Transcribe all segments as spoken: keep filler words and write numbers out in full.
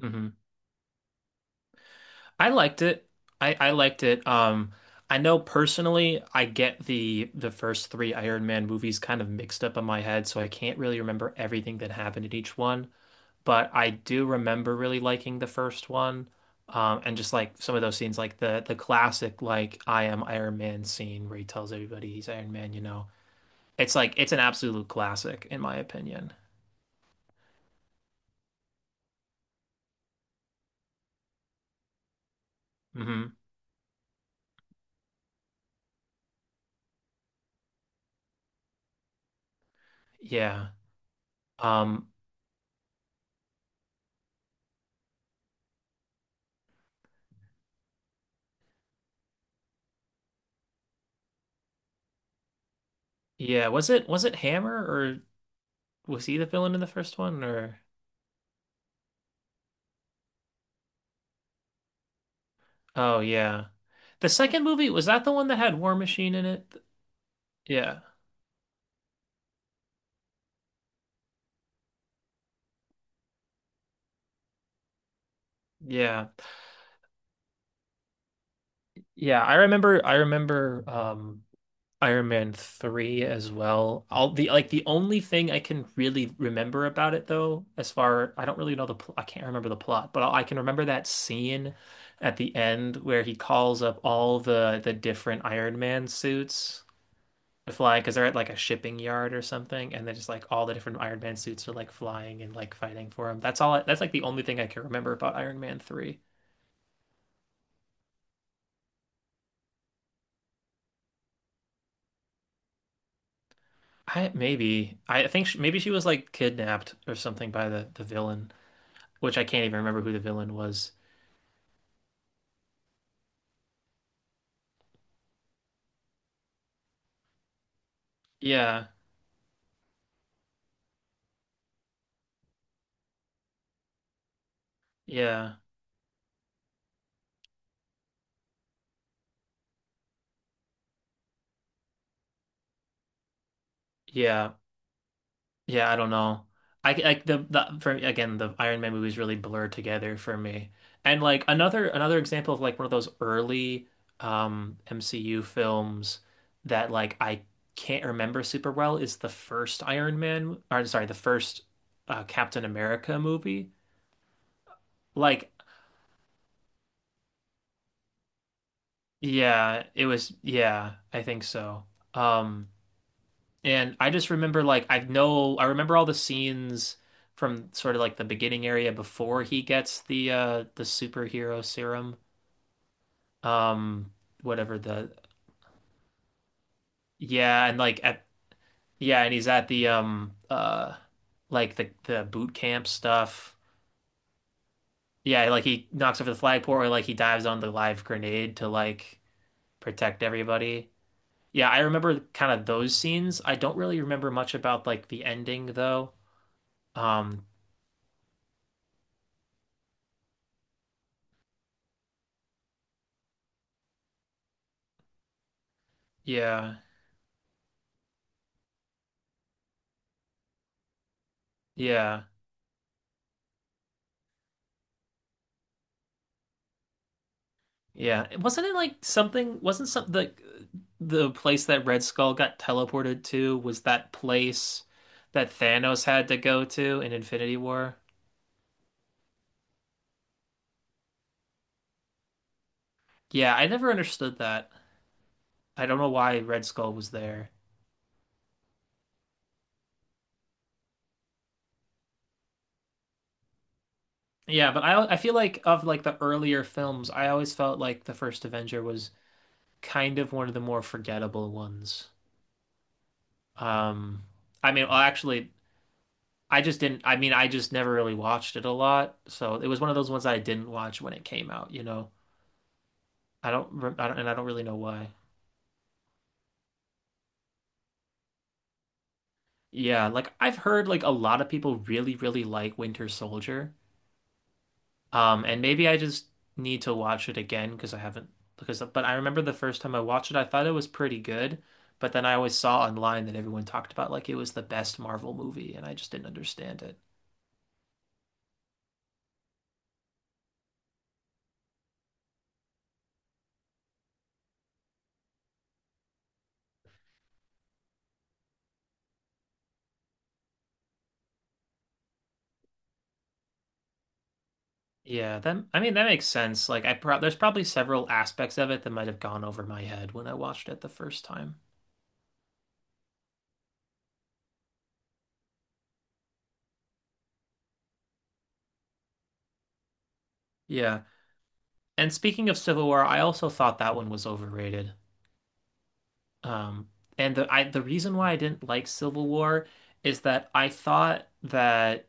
Hmm, I liked it. I, I liked it. Um, I know personally, I get the the first three Iron Man movies kind of mixed up in my head, so I can't really remember everything that happened in each one. But I do remember really liking the first one, um, and just like some of those scenes, like the the classic like I am Iron Man scene where he tells everybody he's Iron Man. You know, it's like it's an absolute classic in my opinion. Hmm. Yeah. Um, yeah. Was it was it Hammer, was he the villain in the first one or oh yeah the second movie, was that the one that had War Machine in it? Yeah, yeah, yeah. I remember I remember um Iron Man three as well. All the like the only thing I can really remember about it though, as far I don't really know the pl I can't remember the plot, but I can remember that scene at the end where he calls up all the the different Iron Man suits fly because they're at like a shipping yard or something, and then just like all the different Iron Man suits are like flying and like fighting for him. That's all. I, that's like the only thing I can remember about Iron Man three. I maybe I think she, maybe she was like kidnapped or something by the the villain, which I can't even remember who the villain was. Yeah, yeah, yeah. Yeah, I don't know. I like the the for again the Iron Man movies really blur together for me. And like another another example of like one of those early um M C U films that like I can't remember super well is the first Iron Man, or sorry, the first uh, Captain America movie. Like yeah, it was yeah, I think so. Um, and I just remember like I know I remember all the scenes from sort of like the beginning area before he gets the uh the superhero serum. Um, whatever the yeah, and like at yeah, and he's at the um uh like the the boot camp stuff. Yeah, like he knocks over the flagpole or like he dives on the live grenade to like protect everybody. Yeah, I remember kind of those scenes. I don't really remember much about like the ending though. Um, yeah. Yeah. Yeah, wasn't it like something? Wasn't some the the place that Red Skull got teleported to was that place that Thanos had to go to in Infinity War? Yeah, I never understood that. I don't know why Red Skull was there. Yeah, but I I feel like of like the earlier films, I always felt like the first Avenger was kind of one of the more forgettable ones. Um, I mean, well, actually, I just didn't. I mean, I just never really watched it a lot, so it was one of those ones I didn't watch when it came out, you know. I don't, rem- I don't, and I don't really know why. Yeah, like I've heard like a lot of people really, really like Winter Soldier. Um, and maybe I just need to watch it again because I haven't because but I remember the first time I watched it, I thought it was pretty good, but then I always saw online that everyone talked about like it was the best Marvel movie, and I just didn't understand it. Yeah, that I mean that makes sense. Like I pro there's probably several aspects of it that might have gone over my head when I watched it the first time. Yeah, and speaking of Civil War, I also thought that one was overrated. Um, and the I the reason why I didn't like Civil War is that I thought that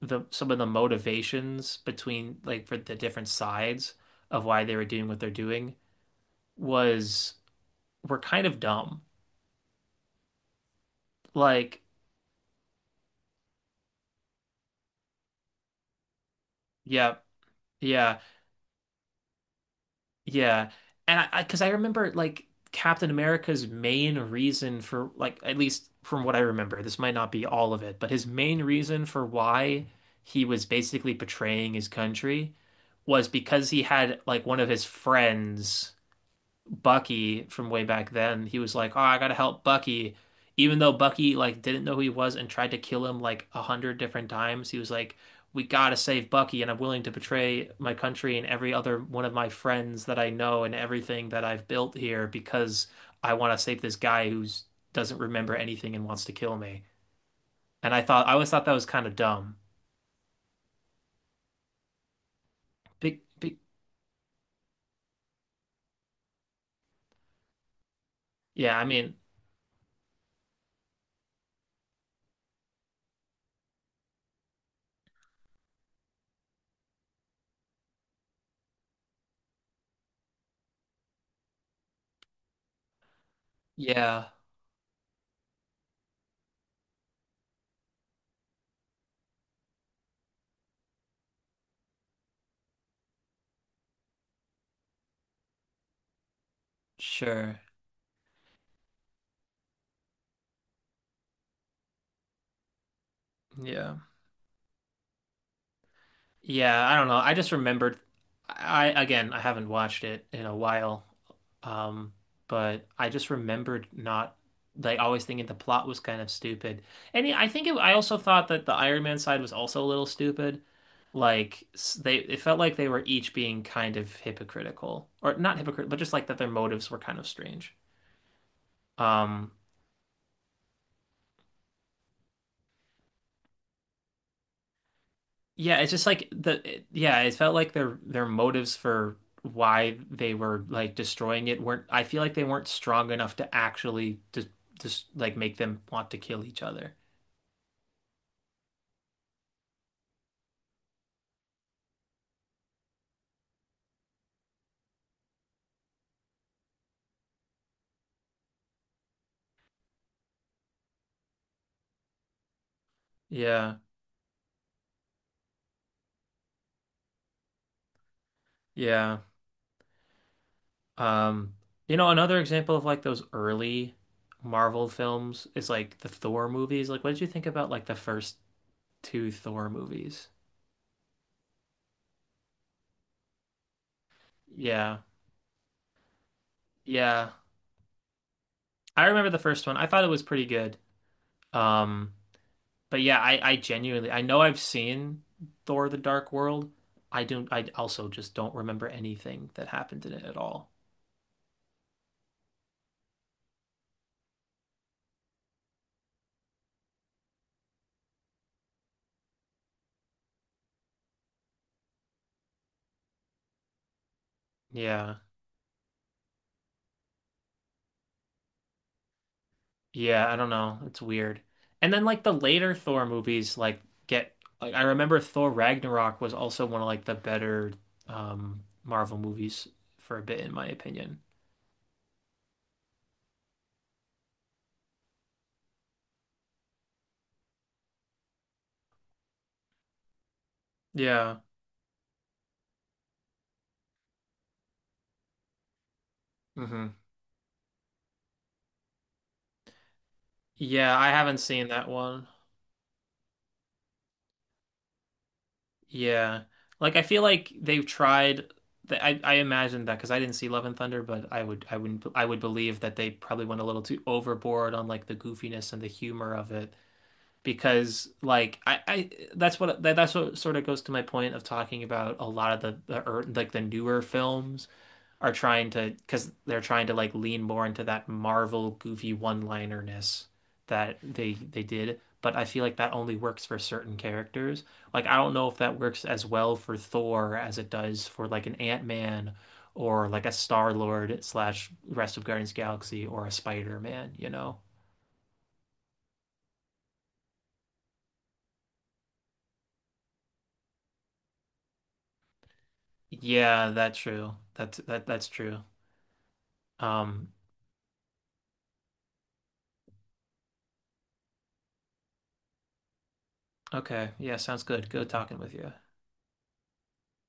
the some of the motivations between like for the different sides of why they were doing what they're doing was were kind of dumb. Like, yeah, yeah. Yeah. And I, I, because I remember like Captain America's main reason for like at least from what I remember, this might not be all of it, but his main reason for why he was basically betraying his country was because he had like one of his friends. Bucky from way back then, he was like, "Oh, I gotta help Bucky," even though Bucky like didn't know who he was and tried to kill him like a hundred different times. He was like, "We gotta save Bucky, and I'm willing to betray my country and every other one of my friends that I know and everything that I've built here because I want to save this guy who doesn't remember anything and wants to kill me." And I thought I always thought that was kind of dumb. Big, big, yeah. I mean, yeah, sure, yeah. Yeah, I don't know. I just remembered I again, I haven't watched it in a while. Um, but I just remembered not like always thinking the plot was kind of stupid. And yeah, I think it, I also thought that the Iron Man side was also a little stupid. Like s- they it felt like they were each being kind of hypocritical or not hypocritical, but just like that their motives were kind of strange. Um, Yeah, it's just like the it- yeah, it felt like their their motives for why they were like destroying it weren't I feel like they weren't strong enough to actually just just like make them want to kill each other. Yeah. Yeah. Um, you know another example of like those early Marvel films is like the Thor movies. Like what did you think about like the first two Thor movies? Yeah. Yeah. I remember the first one. I thought it was pretty good. Um, but yeah, I, I genuinely I know I've seen Thor: The Dark World. I don't I also just don't remember anything that happened in it at all. Yeah. Yeah, I don't know. It's weird. And then like the later Thor movies like get like I remember Thor Ragnarok was also one of like the better um Marvel movies for a bit in my opinion. Yeah. Hmm. Yeah, I haven't seen that one. Yeah. Like I feel like they've tried th- I I imagined that because I didn't see Love and Thunder, but I would I wouldn't I would believe that they probably went a little too overboard on like the goofiness and the humor of it because like I I that's what that, that's what sort of goes to my point of talking about a lot of the, the er, like the newer films are trying to because they're trying to like lean more into that Marvel goofy one-linerness that they they did. But I feel like that only works for certain characters. Like I don't know if that works as well for Thor as it does for like an Ant-Man or like a Star-Lord slash rest of Guardians of the Galaxy or a Spider-Man, you know? Yeah, that's true. That's that that's true. Um, okay. Yeah, sounds good. Good talking with you.